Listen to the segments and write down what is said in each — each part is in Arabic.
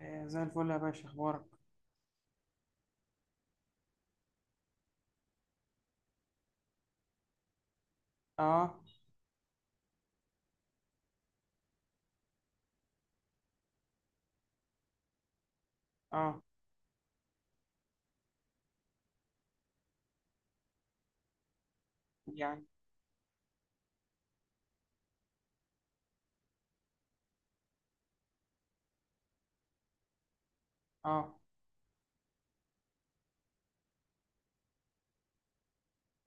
آه، زي الفل يا باشا اخبارك. اه. اه. يعني. اه.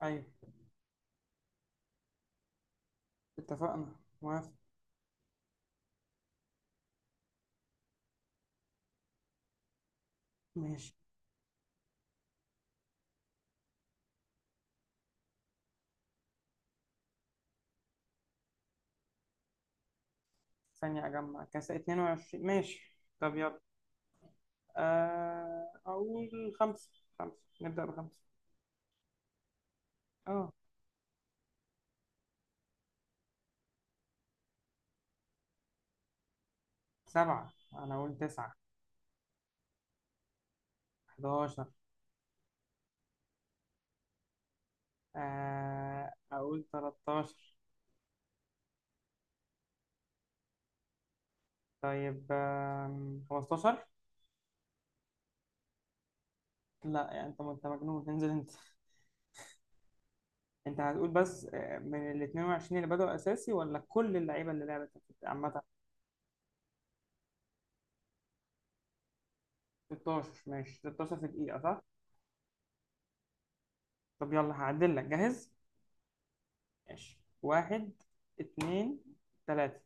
ايوه، اتفقنا. موافق. ماشي، ثانية اجمع كاس 22. ماشي، طب يلا. آه اقول خمسة، خمسة، نبدأ بخمسة. اه سبعة، انا اقول تسعة. 11. آه اقول 13. طيب 15. لا يعني انت مجنون، انزل انت. انت هتقول بس من ال 22 اللي بدأوا اساسي ولا كل اللعيبة اللي لعبت عامة. 16، ماشي 16 في دقيقة صح؟ طب يلا هعدل لك، جاهز؟ ماشي، واحد، اتنين، تلاتة.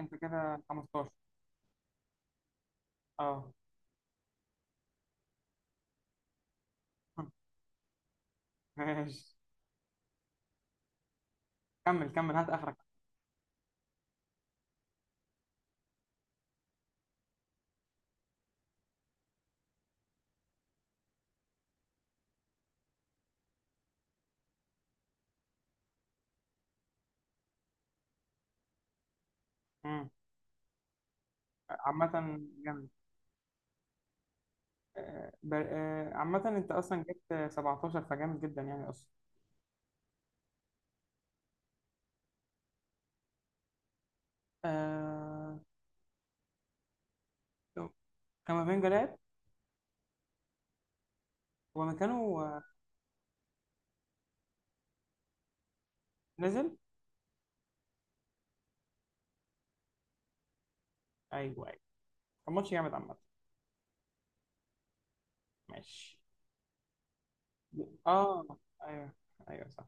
انت كده 15. اه. ماشي، كمل كمل هات اخرك. مم. عامة جامد. عامة انت اصلا جبت 17، فجامد جدا يعني اصلا. آه، كامافينجا لعب، هو مكانه. آه، نزل. ايوه ايوه. كان ماتش جامد عامة. ماشي. اه. ايوه ايوه صح.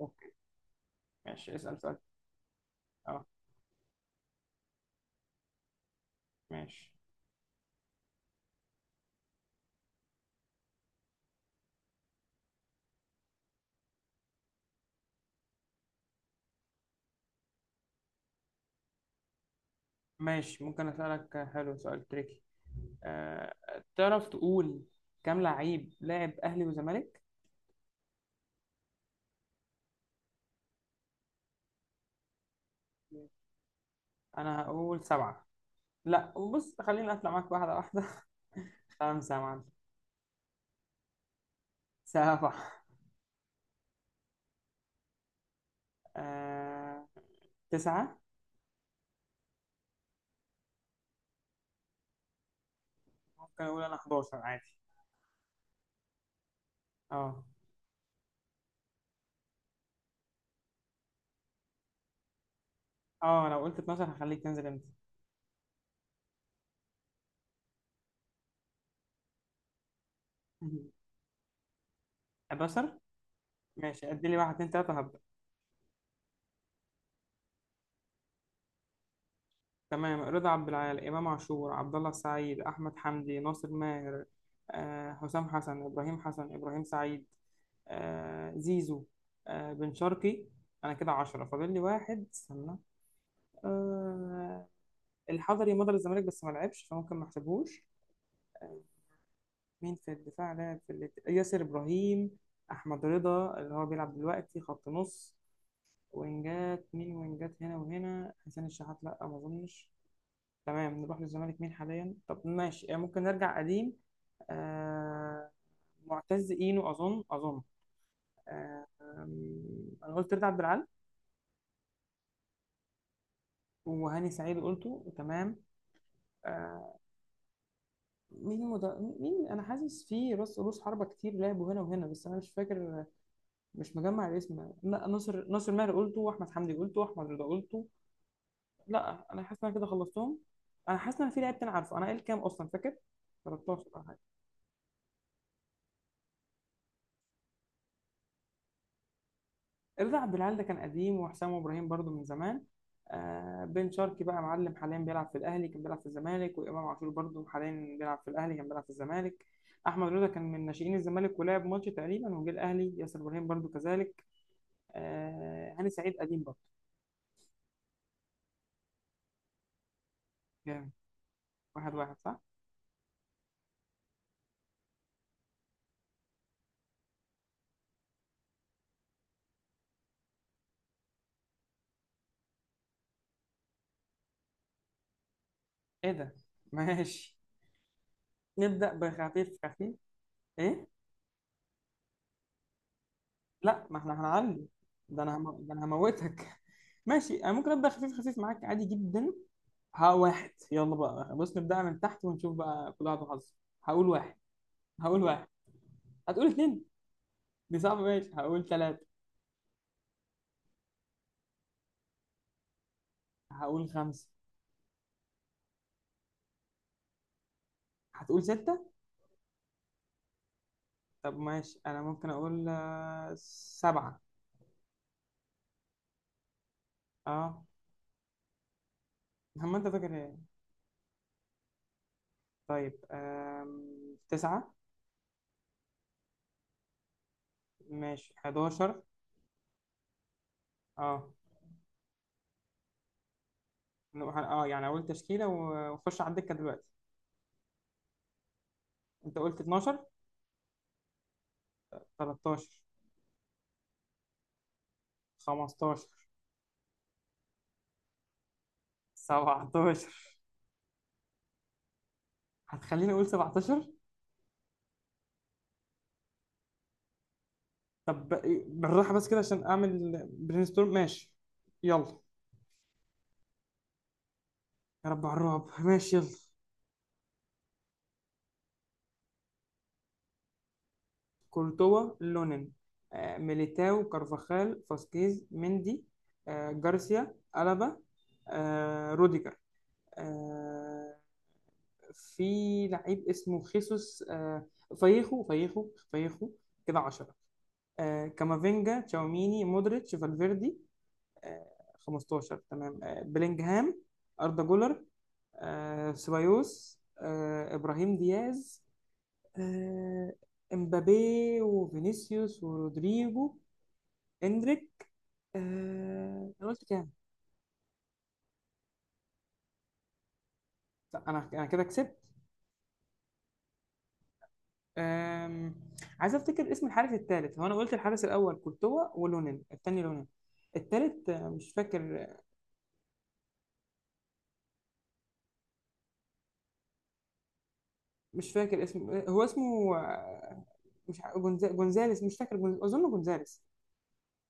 اوكي، ماشي اسأل سؤال. اه. ماشي. ممكن أسألك حلو سؤال تريكي؟ أه. تعرف تقول كام لعيب لاعب أهلي وزمالك؟ أنا هقول سبعة. لا بص، خليني أطلع معاك واحدة واحدة. خمسة يا معلم. سبعة. أه. تسعة. ممكن أقول أنا 11 عادي. أه أه، لو قلت 12 هخليك تنزل أنت. 11. ماشي، أدي لي واحد اتنين تلاتة. تمام، رضا عبد العال، إمام عاشور، عبد الله السعيد، أحمد حمدي، ناصر ماهر، حسام حسن، إبراهيم حسن، إبراهيم سعيد، زيزو، بن شرقي. أنا كده عشرة، فاضل لي واحد، استنى. آه، الحضري مضى للزمالك بس ما لعبش فممكن ما احسبهوش. آه، مين في الدفاع لعب في ياسر إبراهيم، أحمد رضا اللي هو بيلعب دلوقتي خط نص. وينجات، مين وينجات هنا وهنا؟ حسين الشحات، لأ ما أظنش. تمام نروح للزمالك، مين حاليا؟ طب ماشي يعني ممكن نرجع قديم. آه... معتز اينو، اظن. آه... انا قلت رضا عبد العال. وهاني سعيد قلته، تمام. آه... مين مد... مين؟ انا حاسس في راس، رؤوس حربة كتير لعبوا هنا وهنا بس انا مش فاكر، مش مجمع الاسم. لا ناصر، ناصر ماهر قلته، واحمد حمدي قلته، واحمد رضا قلته. لا انا حاسس ان انا كده خلصتهم. انا حاسس ان أنا في لعيب تاني عارفه. انا قايل كام اصلا فاكر؟ 13. رضا عبد العال ده كان قديم، وحسام ابراهيم برضو من زمان. آه بن شرقي بقى معلم حاليا بيلعب في الاهلي، كان بيلعب في الزمالك. وامام عاشور برضو حاليا بيلعب في الاهلي، كان بيلعب في الزمالك. احمد رضا كان من ناشئين الزمالك ولعب ماتش تقريبا وجه الاهلي. ياسر ابراهيم برضو كذلك. آه هاني سعيد قديم برضو. جامد. واحد واحد صح. ايه ده؟ ماشي، نبدا بخفيف خفيف. ايه؟ لا ما احنا هنعلي. ده انا هموتك. ماشي، انا ممكن ابدا خفيف خفيف معاك عادي جدا. ها، واحد، يلا بقى، بص نبدأ من تحت ونشوف بقى كل واحد وحظه. هقول واحد هقول واحد. هتقول اتنين. دي صعبة، ماشي هقول تلاتة. هقول خمسة. هتقول ستة. طب ماشي، أنا ممكن أقول سبعة. أه. هم، أنت فاكر إيه؟ طيب تسعة. ماشي حداشر. أه. أه يعني أقول تشكيلة وخش على الدكة دلوقتي. أنت قلت اتناشر. تلاتاشر. خمستاشر. سبعتاشر. هتخليني أقول سبعتاشر. طب بالراحة بس كده عشان أعمل برين ستورم. ماشي، يلا. يا رب على الرعب، ماشي يلا. كورتوا، لونين، ميليتاو، كارفاخال، فاسكيز، مندي، جارسيا، ألابا، روديجر، آه، في لعيب اسمه خيسوس، فايخو كده 10. كامافينجا، تشاوميني، مودريتش، فالفيردي، آه، 15 تمام. بلينجهام، أردا جولر، سيبايوس، إبراهيم دياز، آه، إمبابي وفينيسيوس ورودريجو، إندريك. أنا قلت كام؟ لا، أنا كده كسبت. آم، عايز أفتكر اسم الحارس الثالث. هو أنا قلت الحارس الأول كورتوا، ولونين التاني لونين. التالت مش فاكر، مش فاكر اسمه. هو اسمه آه، مش ع- جونزا- جونزاليس، مش فاكر، أظن جونزاليس.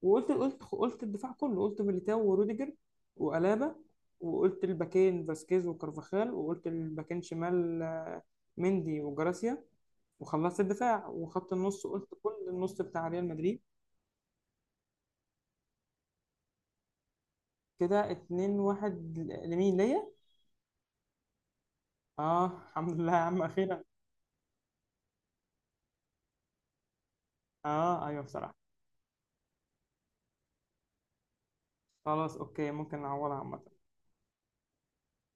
وقلت قلت قلت الدفاع كله، قلت ميليتاو وروديجر وألابا، وقلت الباكين فاسكيز وكارفاخال، وقلت الباكين شمال مندي وجراسيا، وخلصت الدفاع. وخط النص قلت كل النص بتاع ريال مدريد. كده 2 1. لمين ليا؟ اه الحمد لله يا عم، اخيرا. اه ايوه بصراحة. خلاص اوكي، ممكن نعوضها عامة.